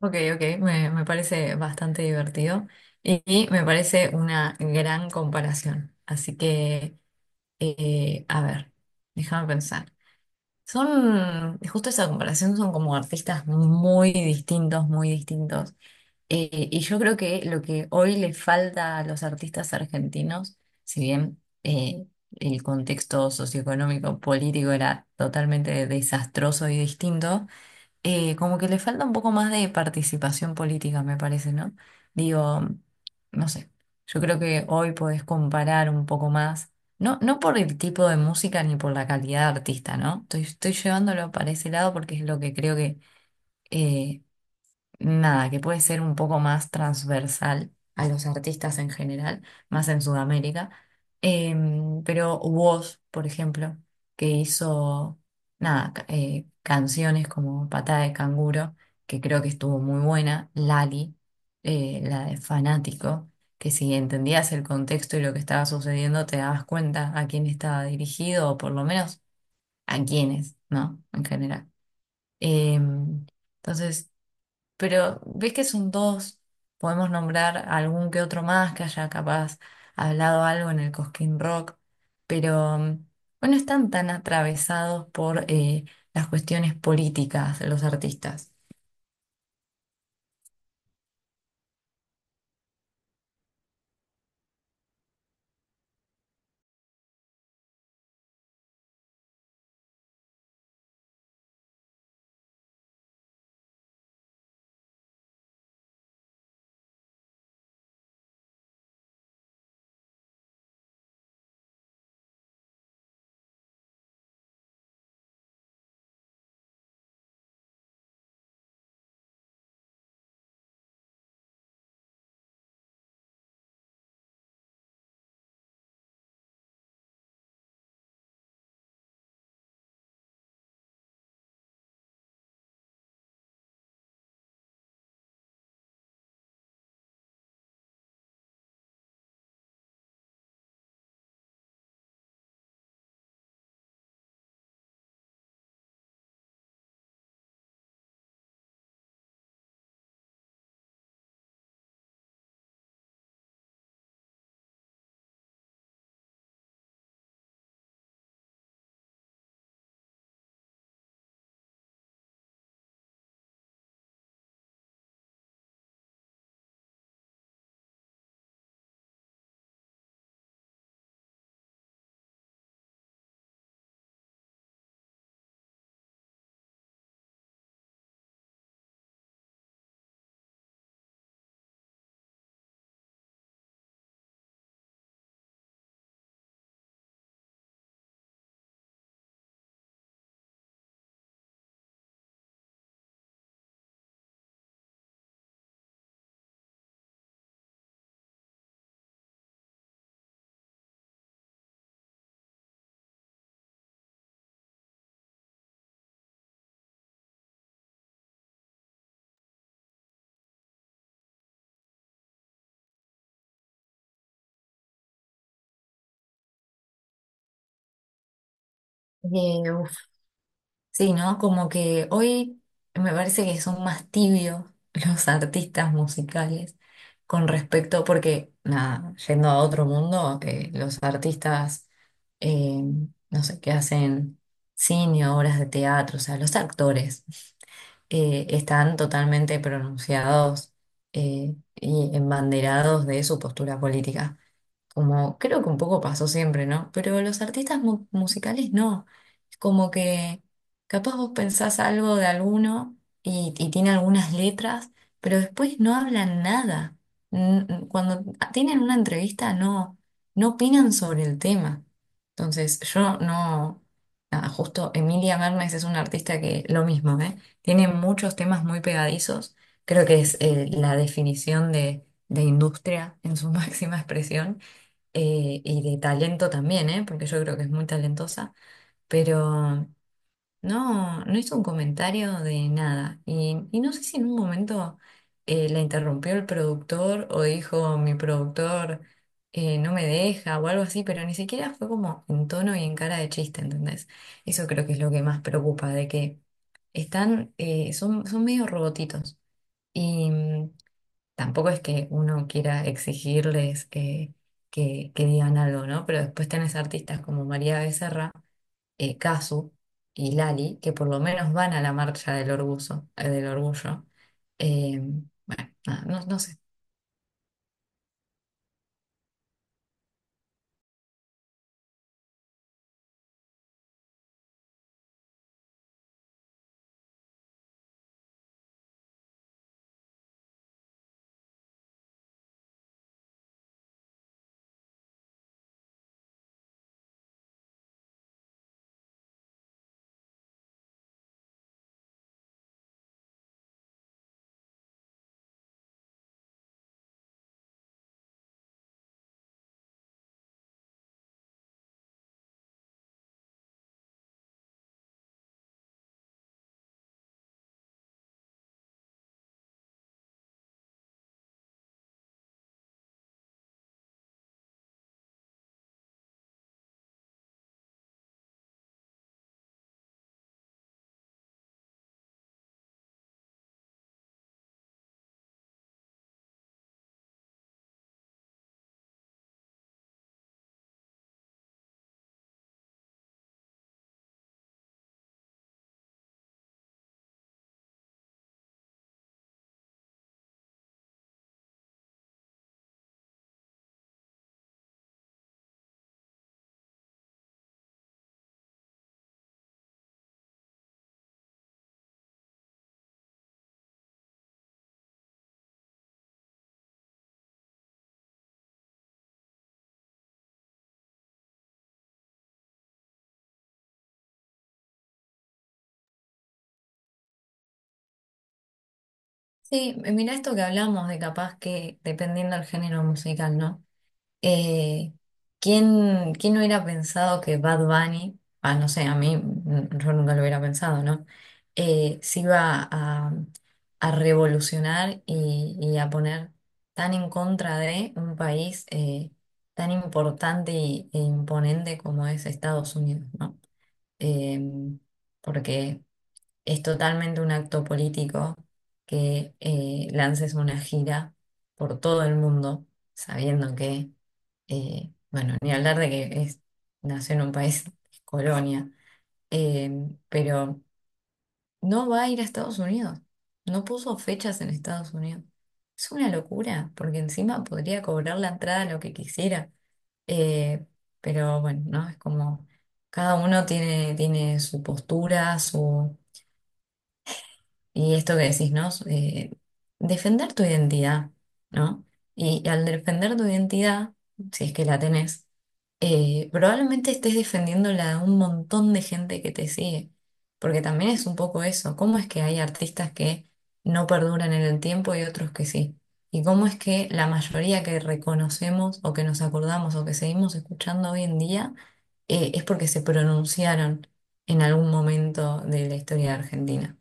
Ok, me parece bastante divertido y, me parece una gran comparación. Así que, a ver, déjame pensar. Son, justo esa comparación, son como artistas muy distintos, muy distintos. Y yo creo que lo que hoy le falta a los artistas argentinos, si bien el contexto socioeconómico, político era totalmente desastroso y distinto, como que le falta un poco más de participación política, me parece, ¿no? Digo, no sé, yo creo que hoy podés comparar un poco más, no, no por el tipo de música ni por la calidad de artista, ¿no? Estoy, estoy llevándolo para ese lado porque es lo que creo que eh, nada, que puede ser un poco más transversal a los artistas en general, más en Sudamérica. Pero Woz, por ejemplo, que hizo, nada, canciones como Patada de Canguro, que creo que estuvo muy buena, Lali, la de Fanático, que si entendías el contexto y lo que estaba sucediendo, te dabas cuenta a quién estaba dirigido, o por lo menos a quiénes, ¿no? En general. Em, entonces... Pero ves que son dos, podemos nombrar algún que otro más que haya capaz hablado algo en el Cosquín Rock, pero bueno, están tan atravesados por las cuestiones políticas de los artistas. Eh, Sí, ¿no? Como que hoy me parece que son más tibios los artistas musicales con respecto, porque, nada, yendo a otro mundo, los artistas, eh, no sé, que hacen cine, obras de teatro, o sea, los actores, están totalmente pronunciados y embanderados de su postura política como creo que un poco pasó siempre, ¿no? Pero los artistas musicales no. Es como que capaz vos pensás algo de alguno y, tiene algunas letras, pero después no hablan nada. Cuando tienen una entrevista no, no opinan sobre el tema. Entonces, yo no... Nada, justo Emilia Mermes es una artista que lo mismo, ¿eh? Tiene muchos temas muy pegadizos. Creo que es la definición de industria en su máxima expresión y de talento también, ¿eh? Porque yo creo que es muy talentosa, pero no, no hizo un comentario de nada. Y, no sé si en un momento la interrumpió el productor o dijo mi productor no me deja o algo así, pero ni siquiera fue como en tono y en cara de chiste, ¿entendés? Eso creo que es lo que más preocupa, de que están, son medio robotitos. Y tampoco es que uno quiera exigirles que digan algo, ¿no? Pero después tenés artistas como María Becerra, Cazzu y Lali, que por lo menos van a la marcha del orgullo, del orgullo. Eh, no, no sé. Sí, mirá esto que hablamos de capaz que dependiendo del género musical, ¿no? Eh, quién hubiera pensado que Bad Bunny, no sé, a mí yo nunca lo hubiera pensado, ¿no? Se iba a revolucionar y, a poner tan en contra de un país tan importante e imponente como es Estados Unidos, ¿no? Eh, porque es totalmente un acto político que lances una gira por todo el mundo, sabiendo que bueno, ni hablar de que es, nació en un país, es colonia. Eh, pero no va a ir a Estados Unidos. No puso fechas en Estados Unidos. Es una locura, porque encima podría cobrar la entrada lo que quisiera. Eh, pero bueno, ¿no? Es como cada uno tiene, tiene su postura, su y esto que decís, ¿no? Defender tu identidad, ¿no? Y, al defender tu identidad, si es que la tenés, probablemente estés defendiendo la de un montón de gente que te sigue, porque también es un poco eso, ¿cómo es que hay artistas que no perduran en el tiempo y otros que sí? ¿Y cómo es que la mayoría que reconocemos o que nos acordamos o que seguimos escuchando hoy en día es porque se pronunciaron en algún momento de la historia de Argentina?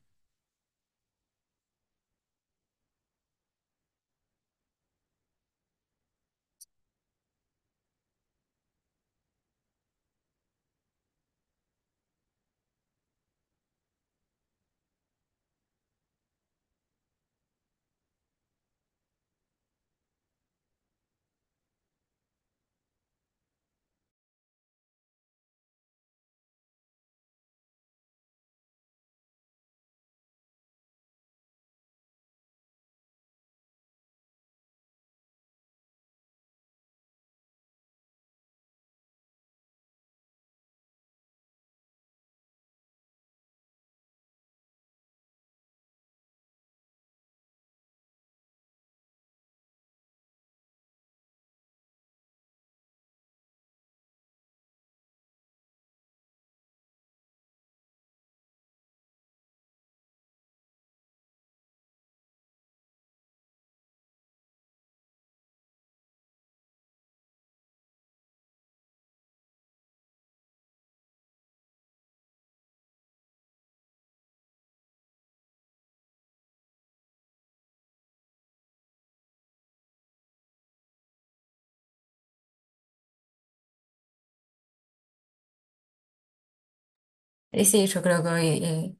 Y sí, yo creo que hoy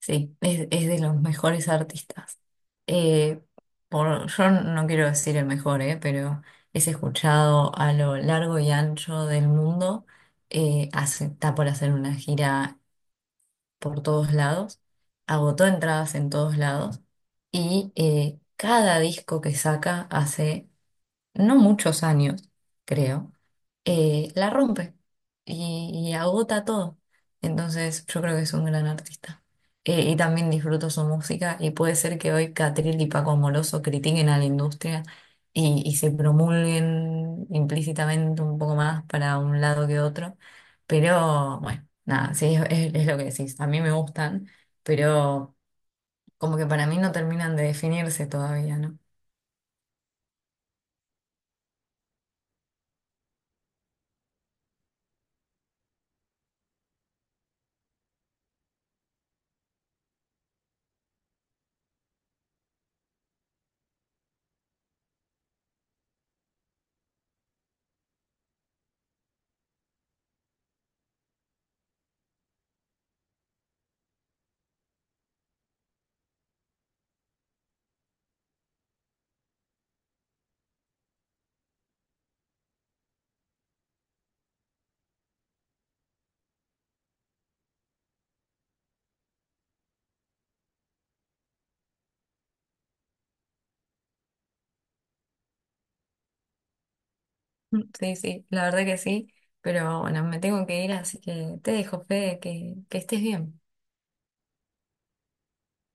sí, es de los mejores artistas. Eh, por, yo no quiero decir el mejor, pero es escuchado a lo largo y ancho del mundo. Está por hacer una gira por todos lados. Agotó entradas en todos lados. Y cada disco que saca hace no muchos años, creo la rompe y, agota todo. Entonces yo creo que es un gran artista. Y también disfruto su música y puede ser que hoy Catril y Paco Amoroso critiquen a la industria y, se promulguen implícitamente un poco más para un lado que otro. Pero bueno, nada, sí, es lo que decís. A mí me gustan, pero como que para mí no terminan de definirse todavía, ¿no? Sí, sí, la verdad que sí, pero bueno, me tengo que ir, así que te dejo, Fede, que estés bien.